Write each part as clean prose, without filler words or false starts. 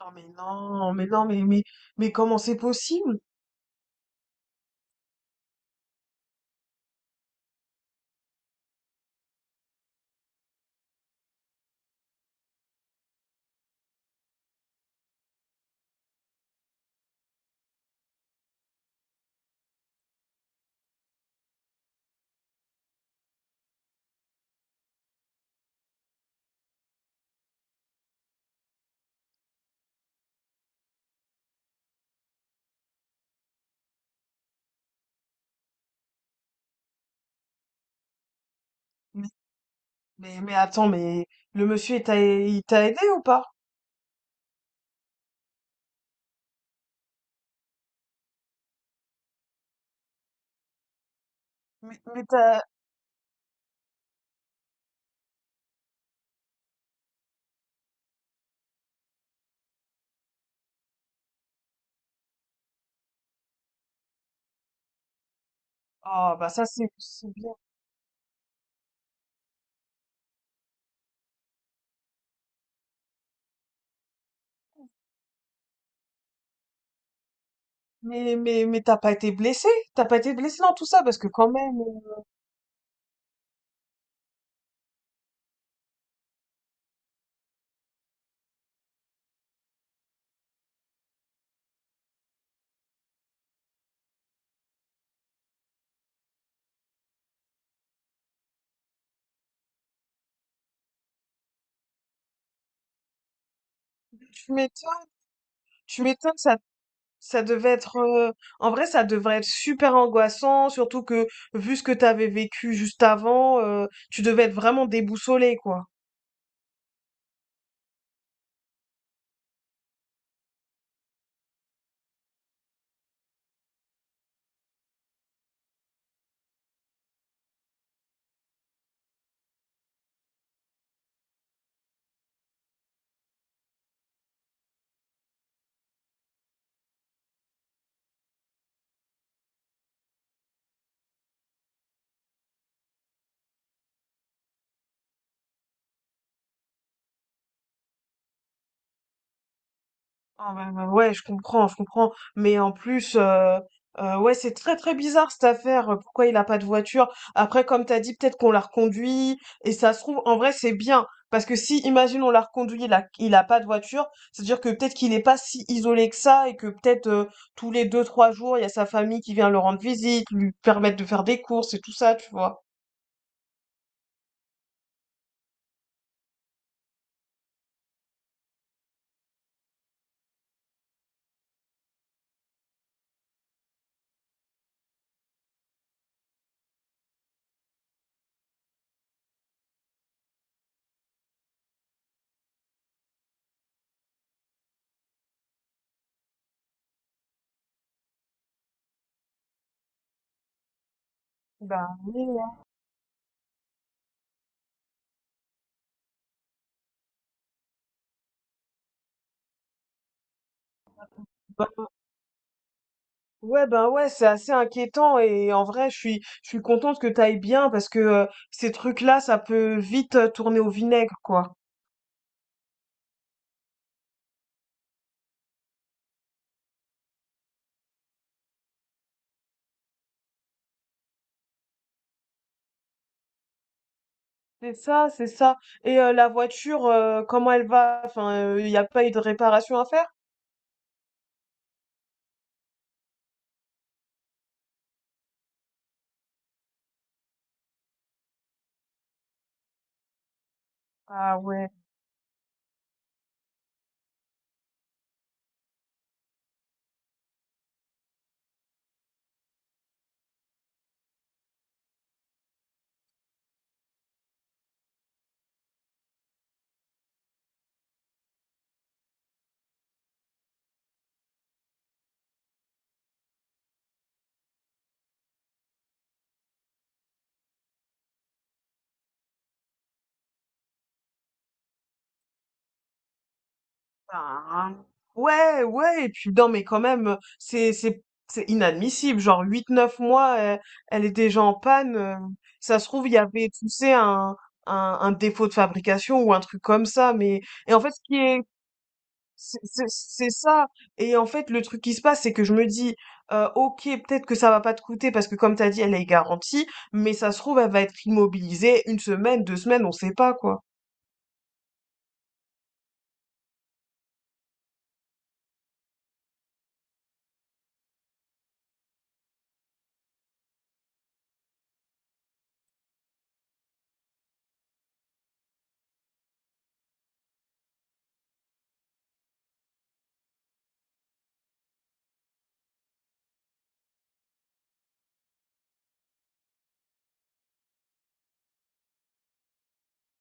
Ah mais non, mais non, mais comment c'est possible? Mais, mais attends, mais le monsieur il t'a aidé ou pas? Mais t'as ah bah ça c'est bien. Mais t'as pas été blessé? T'as pas été blessé dans tout ça parce que quand même, tu m'étonnes, tu m'étonnes, ça ça devait être, en vrai ça devrait être super angoissant, surtout que vu ce que t'avais vécu juste avant, tu devais être vraiment déboussolé, quoi. Ah bah, bah, ouais, je comprends, je comprends. Mais en plus, ouais, c'est très très bizarre cette affaire. Pourquoi il a pas de voiture? Après, comme t'as dit, peut-être qu'on l'a reconduit. Et ça se trouve, en vrai, c'est bien. Parce que si, imagine, on l'a reconduit, il a pas de voiture, c'est-à-dire que peut-être qu'il est pas si isolé que ça et que peut-être, tous les deux, trois jours, il y a sa famille qui vient le rendre visite, lui permettre de faire des courses et tout ça, tu vois. Bah oui, hein. Ouais, ben ouais, c'est assez inquiétant et en vrai, je suis contente que t'ailles bien parce que, ces trucs-là, ça peut vite, tourner au vinaigre, quoi. C'est ça, c'est ça. Et la voiture, comment elle va? Enfin, il n'y a pas eu de réparation à faire? Ah ouais. Ben, ouais, ouais. Et puis non, mais quand même, c'est inadmissible. Genre huit neuf mois, elle, elle est déjà en panne. Ça se trouve, il y avait, tu sais, un défaut de fabrication ou un truc comme ça, mais et en fait, ce qui est c'est ça. Et en fait, le truc qui se passe, c'est que je me dis, ok, peut-être que ça va pas te coûter parce que comme t'as dit, elle est garantie, mais ça se trouve, elle va être immobilisée une semaine, deux semaines, on sait pas quoi.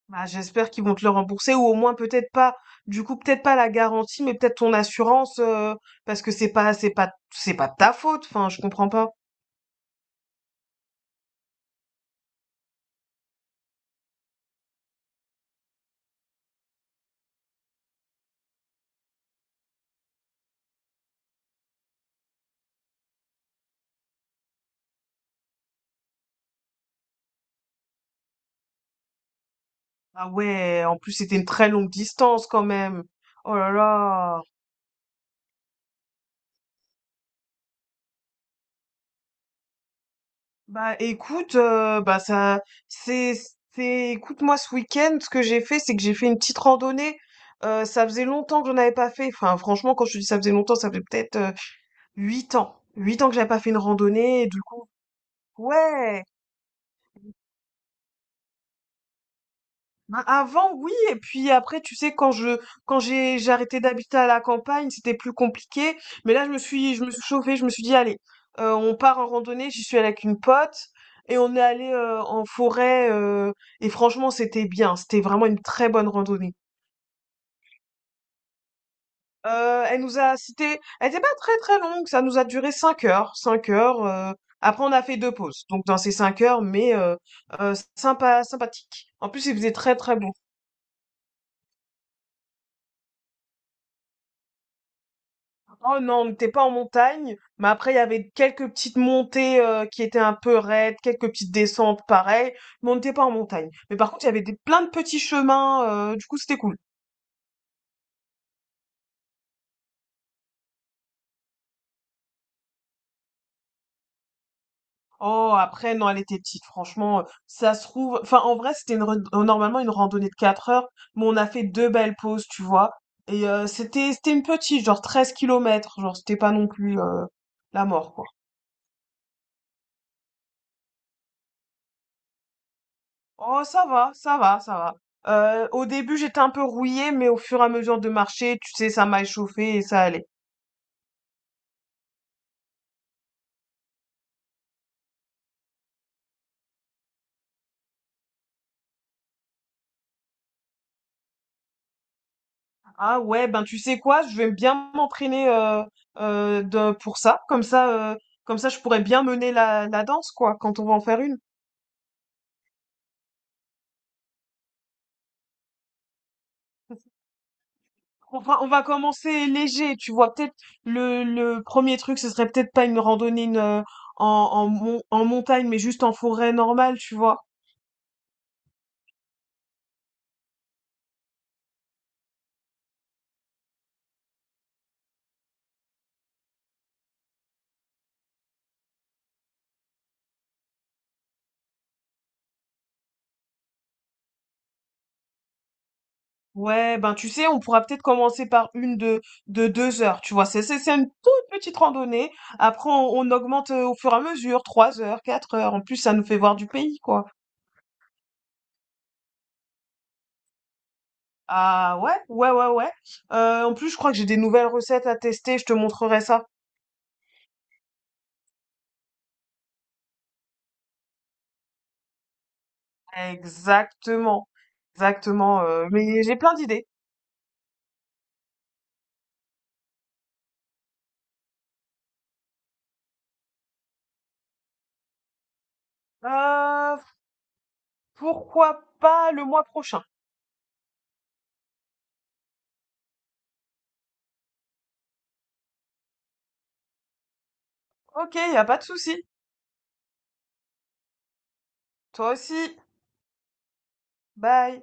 Bah, j'espère qu'ils vont te le rembourser ou au moins peut-être pas, du coup peut-être pas la garantie, mais peut-être ton assurance, parce que c'est pas de ta faute. Enfin, je comprends pas. Ah ouais, en plus c'était une très longue distance quand même. Oh là là. Bah écoute, bah ça, c'est, c'est, écoute-moi ce week-end, ce que j'ai fait, c'est que j'ai fait une petite randonnée. Ça faisait longtemps que j'en avais pas fait. Enfin, franchement, quand je te dis ça faisait longtemps, ça fait peut-être, huit ans que j'avais pas fait une randonnée. Et du coup, ouais. Bah, avant, oui, et puis après, tu sais, quand j'ai arrêté d'habiter à la campagne, c'était plus compliqué. Mais là, je me suis chauffée, je me suis dit, allez, on part en randonnée. J'y suis allée avec une pote et on est allé, en forêt. Et franchement, c'était bien. C'était vraiment une très bonne randonnée. Elle nous a, cité elle était pas très très longue. Ça nous a duré cinq heures, cinq heures. Après, on a fait deux pauses. Donc dans ces cinq heures, mais sympa, sympathique. En plus, il faisait très très beau. Oh non, on n'était pas en montagne, mais après il y avait quelques petites montées, qui étaient un peu raides, quelques petites descentes pareil. Mais on n'était pas en montagne. Mais par contre, il y avait plein de petits chemins, du coup c'était cool. Oh, après, non, elle était petite, franchement, ça se trouve. Enfin, en vrai, c'était une normalement une randonnée de 4 heures, mais on a fait deux belles pauses, tu vois. Et c'était une petite, genre 13 kilomètres, genre c'était pas non plus, la mort, quoi. Oh, ça va, ça va, ça va. Au début, j'étais un peu rouillée, mais au fur et à mesure de marcher, tu sais, ça m'a échauffée et ça allait. Ah ouais, ben tu sais quoi, je vais bien m'entraîner, pour ça. Comme ça, comme ça, je pourrais bien mener la, la danse, quoi, quand on va en faire une. Enfin, on va commencer léger, tu vois. Peut-être le premier truc, ce serait peut-être pas une randonnée une, en, en, mon- en montagne, mais juste en forêt normale, tu vois. Ouais, ben tu sais, on pourra peut-être commencer par de deux heures, tu vois. C'est une toute petite randonnée. Après, on augmente, au fur et à mesure, trois heures, quatre heures. En plus, ça nous fait voir du pays, quoi. Ah ouais, ouais, ouais, ouais. En plus, je crois que j'ai des nouvelles recettes à tester, je te montrerai ça. Exactement, exactement. Mais j'ai plein d'idées. Euh, pourquoi pas le mois prochain? Ok, y a pas de souci. Toi aussi. Bye.